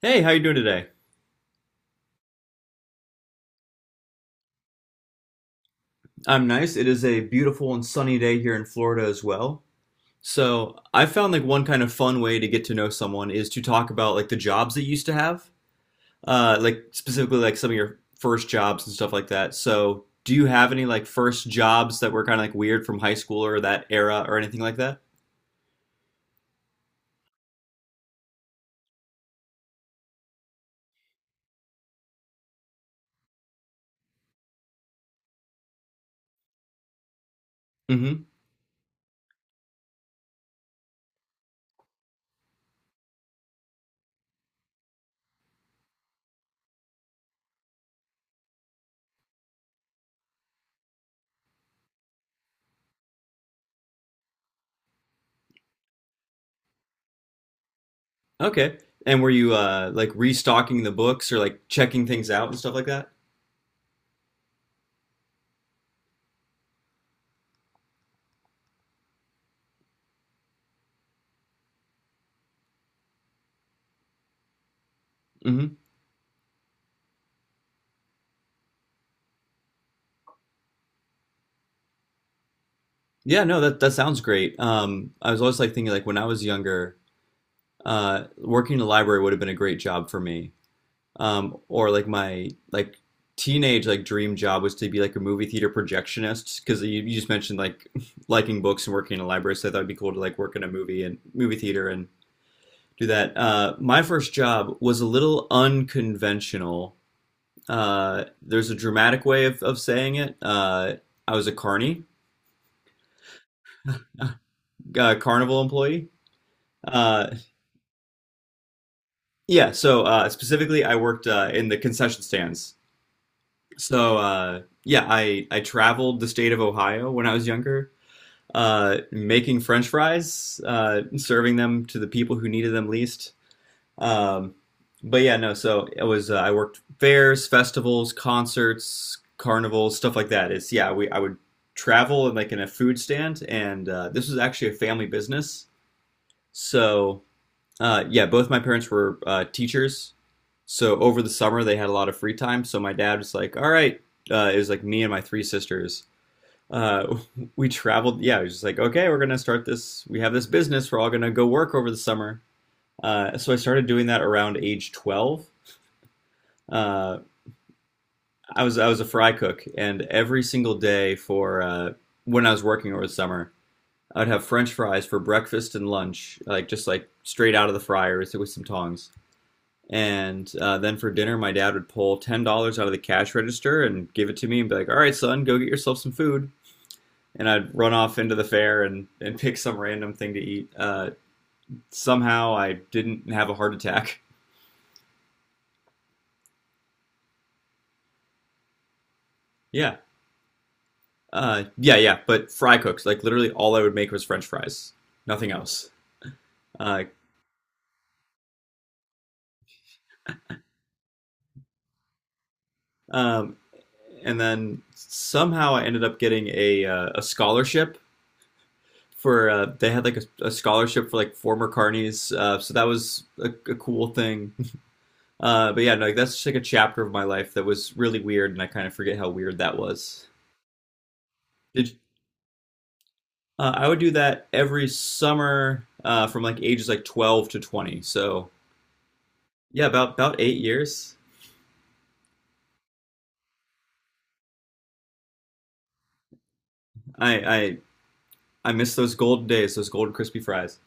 Hey, how you doing today? I'm nice. It is a beautiful and sunny day here in Florida as well. So I found like one kind of fun way to get to know someone is to talk about like the jobs that you used to have, like specifically like some of your first jobs and stuff like that. So do you have any like first jobs that were kind of like weird from high school or that era or anything like that? hmm Okay. And were you like restocking the books or like checking things out and stuff like that? hmm Yeah, no, that sounds great. I was always like thinking like when I was younger. Working in a library would have been a great job for me. Or like my like teenage like dream job was to be like a movie theater projectionist because you just mentioned like liking books and working in a library, so I thought it'd be cool to like work in a movie and movie theater and do that. My first job was a little unconventional. There's a dramatic way of saying it. I was a carny, carnival employee. Uh, yeah, so specifically, I worked in the concession stands. So yeah, I traveled the state of Ohio when I was younger, making French fries, serving them to the people who needed them least. Um, but yeah, no. So it was I worked fairs, festivals, concerts, carnivals, stuff like that. It's yeah, we I would travel and like in a food stand, and this was actually a family business. So yeah, both my parents were teachers, so over the summer they had a lot of free time, so my dad was like, all right, it was like me and my three sisters, uh, we traveled. Yeah, it was just like, okay, we're gonna start this, we have this business, we're all gonna go work over the summer. So I started doing that around age 12. uh, I was a fry cook, and every single day for when I was working over the summer, I'd have French fries for breakfast and lunch, like just like straight out of the fryer with some tongs. And then for dinner, my dad would pull $10 out of the cash register and give it to me and be like, "All right, son, go get yourself some food." And I'd run off into the fair and pick some random thing to eat. Somehow I didn't have a heart attack. Yeah, yeah. But fry cooks, like literally, all I would make was French fries, nothing else. Uh, um, and then somehow I ended up getting a scholarship for they had like a scholarship for like former carnies. So that was a cool thing. But yeah, no, like, that's just like a chapter of my life that was really weird, and I kind of forget how weird that was. Did I would do that every summer from like ages like 12 to 20. So yeah, about 8 years. I I I miss those golden days, those golden crispy fries.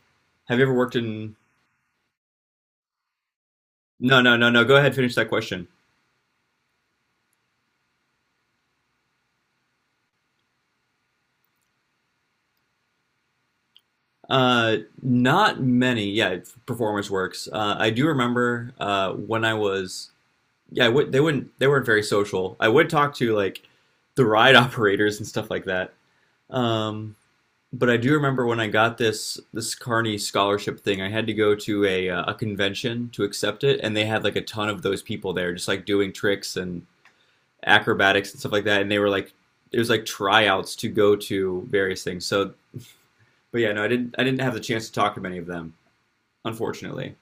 Have you ever worked in? No, no, no, no. Go ahead, finish that question. Not many. Yeah, performance works. I do remember when I was Yeah, I would, they wouldn't. They weren't very social. I would talk to like the ride operators and stuff like that. Um, but I do remember when I got this Carney scholarship thing, I had to go to a convention to accept it, and they had like a ton of those people there, just like doing tricks and acrobatics and stuff like that. And they were like, it was like tryouts to go to various things. So, but yeah, no, I didn't. I didn't have the chance to talk to many of them, unfortunately.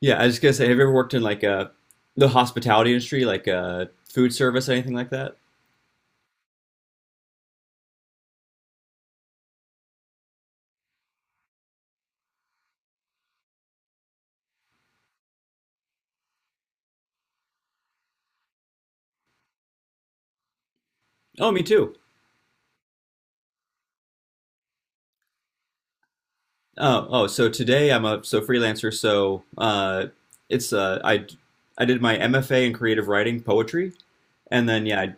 Yeah, I was just gonna say, have you ever worked in like a the hospitality industry, like a food service, anything like that? Oh, me too. Oh, so today I'm a so freelancer, so it's I did my MFA in creative writing, poetry, and then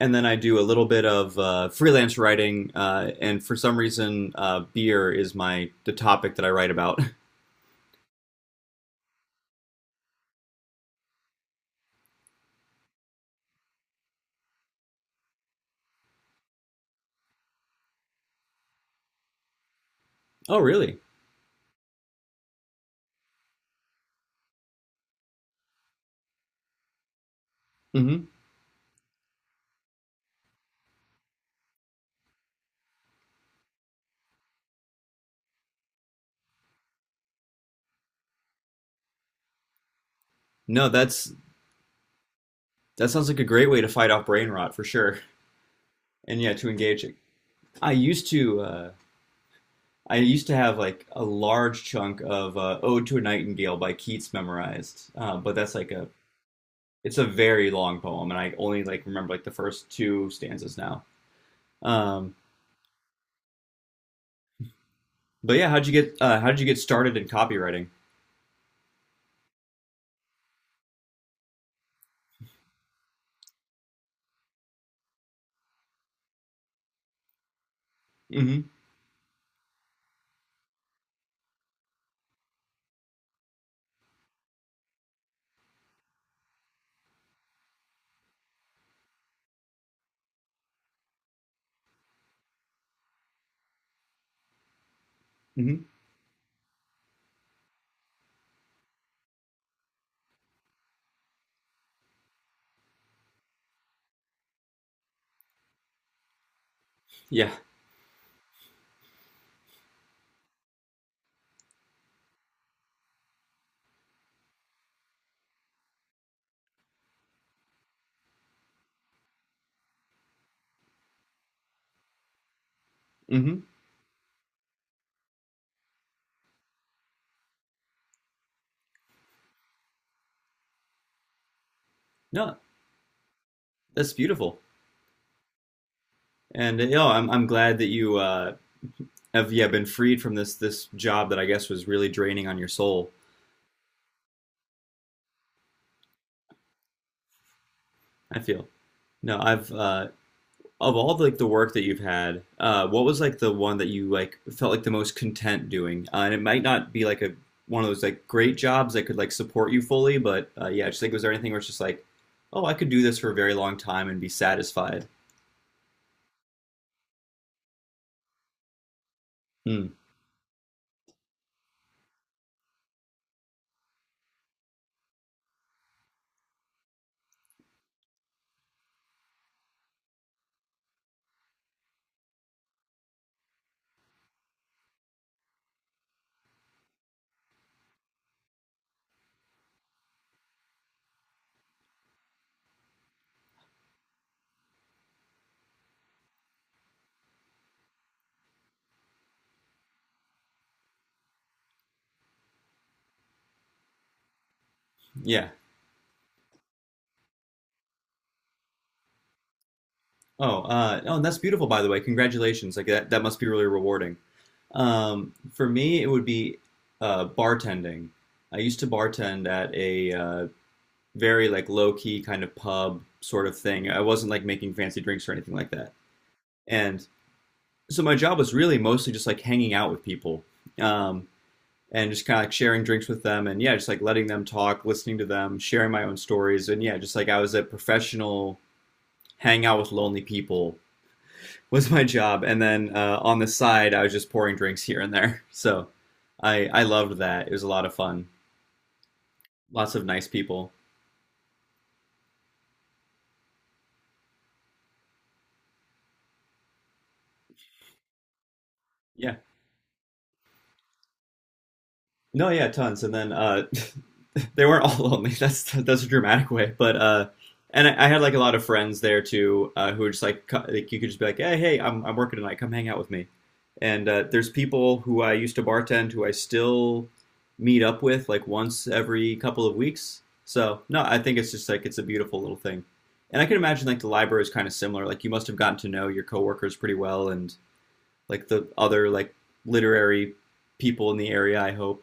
and then I do a little bit of freelance writing and for some reason beer is my the topic that I write about. Oh, really? Mm-hmm. No, that's that sounds like a great way to fight off brain rot for sure. And yeah, to engage it. I used to uh I used to have like a large chunk of "Ode to a Nightingale" by Keats memorized, but that's like a It's a very long poem, and I only like remember like the first two stanzas now. Um, but yeah, how did you get started in copywriting? Mm-hmm. Mm-hmm. Yeah. Mm-hmm. No, that's beautiful, and you know, I'm glad that you have yeah been freed from this job that I guess was really draining on your soul. I feel no, I've of all the, like the work that you've had, what was like the one that you like felt like the most content doing? And it might not be like a one of those like great jobs that could like support you fully, but yeah, just like was there anything where it's just like, oh, I could do this for a very long time and be satisfied? Hmm. yeah. Oh, oh, and that's beautiful, by the way. Congratulations. Like that must be really rewarding. For me, it would be bartending. I used to bartend at a very like low key kind of pub sort of thing. I wasn't like making fancy drinks or anything like that. And so my job was really mostly just like hanging out with people, um, and just kind of like sharing drinks with them and yeah, just like letting them talk, listening to them, sharing my own stories. And yeah, just like I was a professional hang out with lonely people was my job. And then on the side, I was just pouring drinks here and there. So I loved that. It was a lot of fun. Lots of nice people. Yeah. No, yeah, tons. And then they weren't all lonely. That's a dramatic way, but and I had like a lot of friends there too who were just like you could just be like, hey, I'm working tonight. Come hang out with me. And there's people who I used to bartend who I still meet up with like once every couple of weeks. So no, I think it's just like it's a beautiful little thing. And I can imagine like the library is kind of similar. Like you must have gotten to know your coworkers pretty well and like the other like literary people in the area. I hope.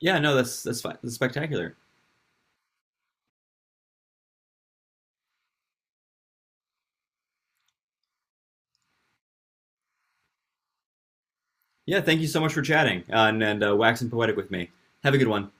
Yeah, no, that's fine. That's spectacular. Yeah, thank you so much for chatting and waxing poetic with me. Have a good one.